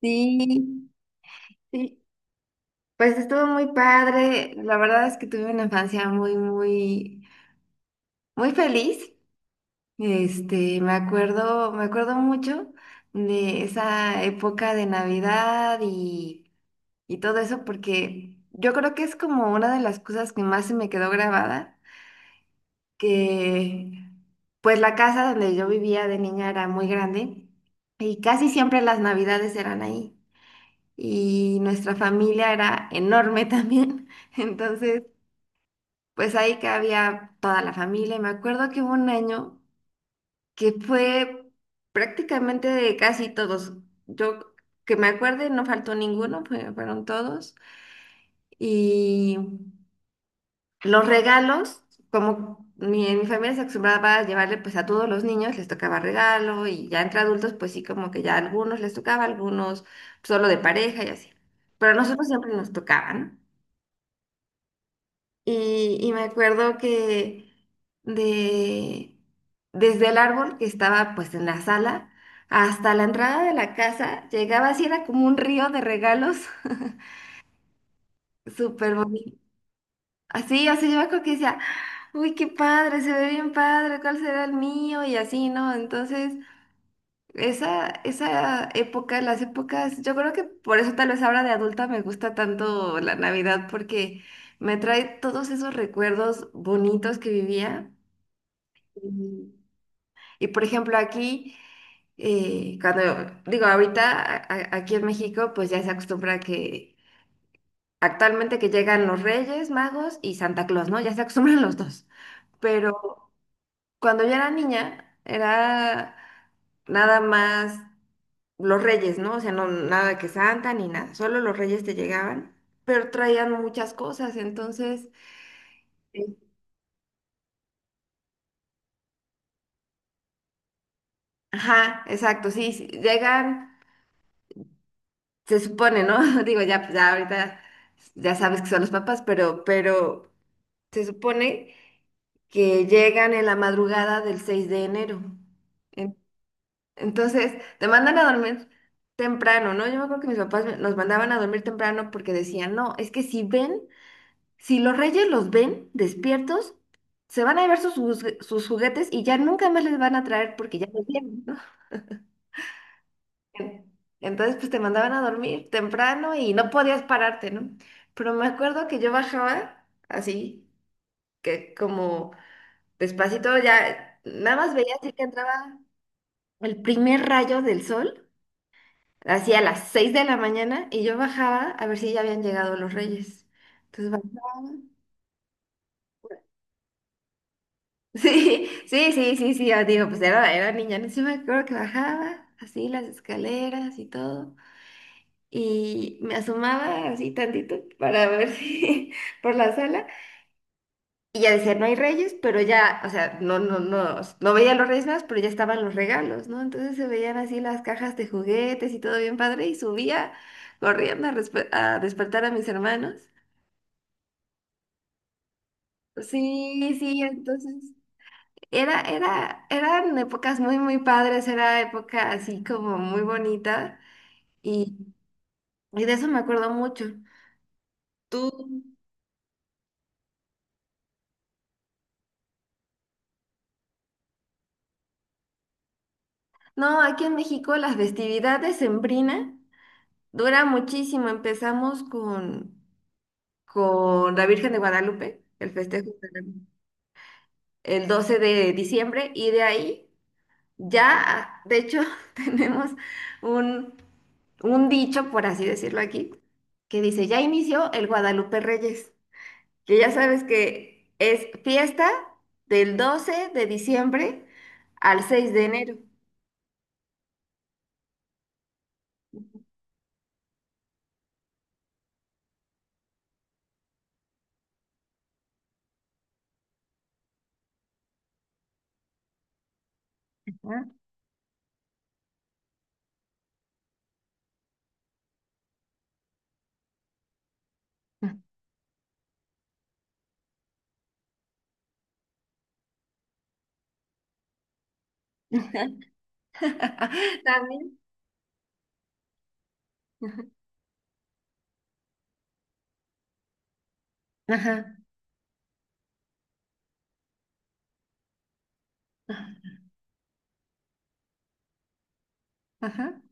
Sí, sí, pues estuvo muy padre. La verdad es que tuve una infancia muy, muy, muy feliz. Me acuerdo mucho de esa época de Navidad y todo eso, porque yo creo que es como una de las cosas que más se me quedó grabada, que pues la casa donde yo vivía de niña era muy grande y casi siempre las Navidades eran ahí. Y nuestra familia era enorme también. Entonces, pues ahí cabía toda la familia. Y me acuerdo que hubo un año que fue prácticamente de casi todos. Yo que me acuerde, no faltó ninguno, fueron todos. Y los regalos, como mi familia se acostumbraba a llevarle pues a todos los niños, les tocaba regalo, y ya entre adultos pues sí, como que ya a algunos les tocaba, a algunos solo de pareja y así. Pero a nosotros siempre nos tocaban. Y me acuerdo que de, desde el árbol que estaba pues en la sala hasta la entrada de la casa llegaba así, era como un río de regalos, súper bonito. Así, así yo me acuerdo que decía, uy, qué padre, se ve bien padre, ¿cuál será el mío? Y así, ¿no? Entonces, esa época, las épocas, yo creo que por eso tal vez ahora de adulta me gusta tanto la Navidad porque me trae todos esos recuerdos bonitos que vivía. Y, y, por ejemplo, aquí, cuando digo ahorita, aquí en México, pues ya se acostumbra que actualmente que llegan los Reyes Magos y Santa Claus, ¿no? Ya se acostumbran los dos. Pero cuando yo era niña, era nada más los Reyes, ¿no? O sea, no, nada que Santa ni nada, solo los Reyes te llegaban, pero traían muchas cosas. Entonces, sí. Ajá, exacto, sí, sí, llegan. Se supone, ¿no? Digo, ya, pues, ya ahorita ya sabes que son los papás, pero se supone que llegan en la madrugada del 6 de enero. En- Entonces, te mandan a dormir temprano, ¿no? Yo me acuerdo que mis papás nos mandaban a dormir temprano porque decían, no, es que si ven, si los reyes los ven despiertos, se van a llevar sus juguetes y ya nunca más les van a traer porque ya los vieron, ¿no? En- Entonces, pues te mandaban a dormir temprano y no podías pararte, ¿no? Pero me acuerdo que yo bajaba así, que como despacito ya, nada más veía así que entraba el primer rayo del sol, así a las 6 de la mañana, y yo bajaba a ver si ya habían llegado los reyes. Entonces bajaba. Sí, sí, sí, sí, sí, ah, digo, pues era, era niña, ¿no? Sí me acuerdo que bajaba así las escaleras y todo. Y me asomaba así tantito para ver si por la sala, y ya decía, no hay reyes, pero ya, o sea, no, no, no, no veía los reyes más, pero ya estaban los regalos, ¿no? Entonces se veían así las cajas de juguetes y todo bien padre, y subía corriendo a, a despertar a mis hermanos. Sí, sí, entonces eran épocas muy, muy padres, era época así como muy bonita y, y de eso me acuerdo mucho. ¿Tú? No, aquí en México las festividades sembrina dura muchísimo. Empezamos con la Virgen de Guadalupe, el festejo el 12 de diciembre, y de ahí ya, de hecho, tenemos un, un dicho, por así decirlo aquí, que dice, ya inició el Guadalupe Reyes, que ya sabes que es fiesta del 12 de diciembre al 6 de enero. ¿Ah? También. Ajá, ajá. Ajá.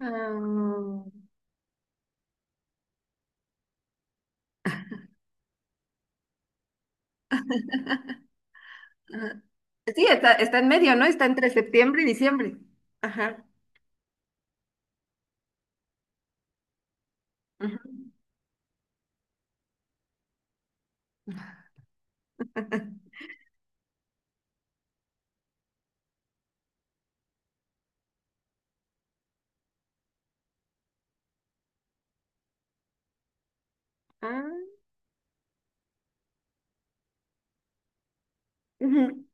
Ah, ajá. Sí, está, está en medio, ¿no? Está entre septiembre y diciembre. Ajá. Ajá. Ah, ujú.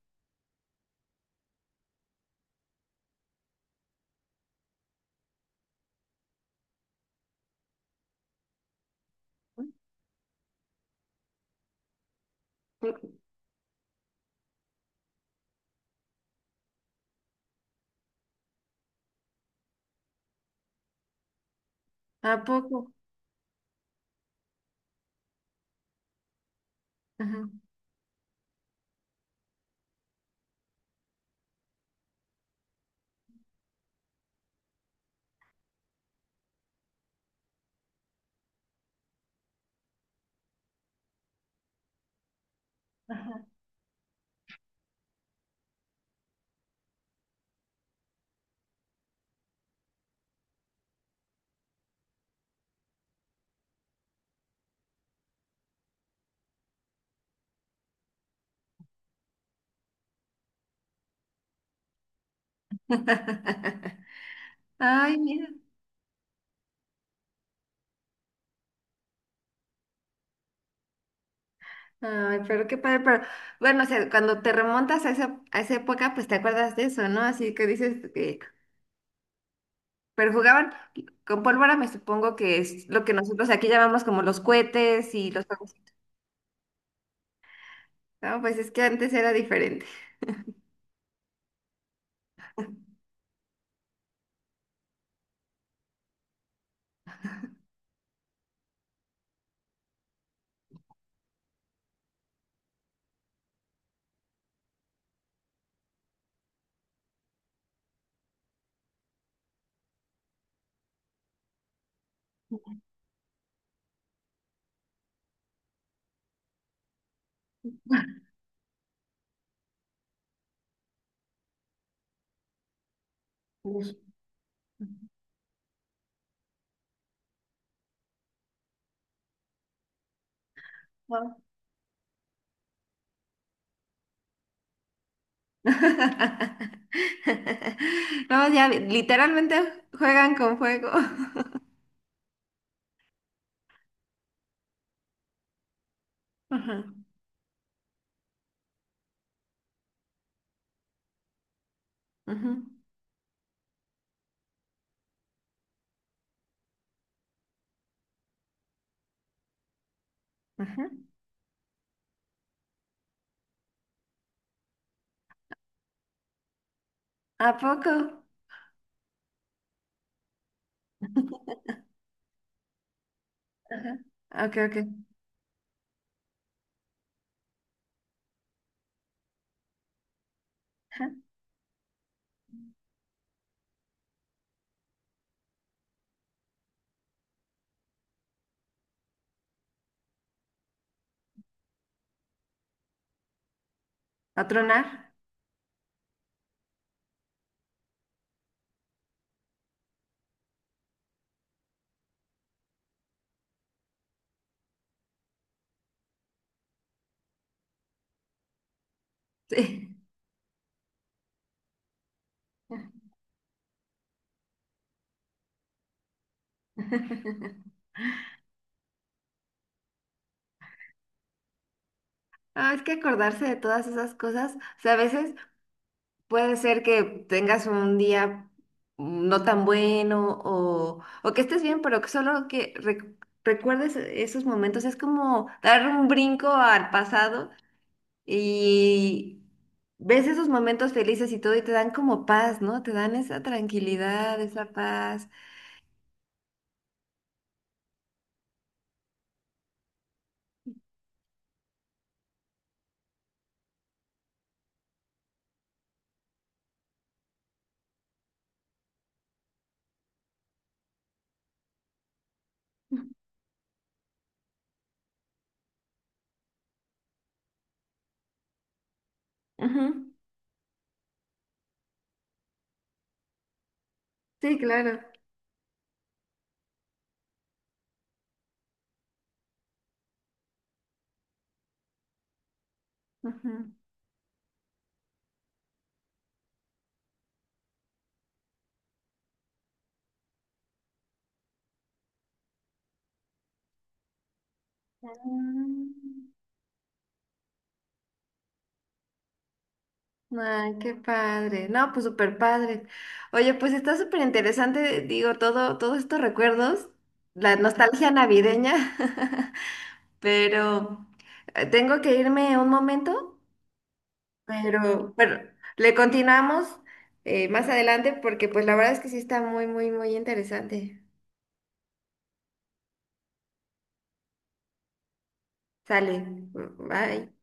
¿A poco? Ajá. Ay, mira. Ay, pero qué padre, pero bueno, o sea, cuando te remontas a a esa época, pues te acuerdas de eso, ¿no? Así que dices que, pero jugaban con pólvora, me supongo que es lo que nosotros aquí llamamos como los cohetes y los juegos, ¿no? Pues es que antes era diferente. Ujú. No, no, ya literalmente juegan con fuego. Ajá, ajá, ajá. ¿A poco? Ajá. Ok, ok. ¿A tronar? Sí. Ah, es que acordarse de todas esas cosas, o sea, a veces puede ser que tengas un día no tan bueno, o que estés bien, pero que solo que recuerdes esos momentos es como dar un brinco al pasado, y ves esos momentos felices y todo, y te dan como paz, ¿no? Te dan esa tranquilidad, esa paz. Ujú. Sí, claro. Ujú. Mm. Ay, qué padre. No, pues súper padre. Oye, pues está súper interesante, digo, todo, todos estos recuerdos, la nostalgia navideña, pero tengo que irme un momento. Pero le continuamos más adelante porque pues la verdad es que sí está muy, muy, muy interesante. Sale. Bye.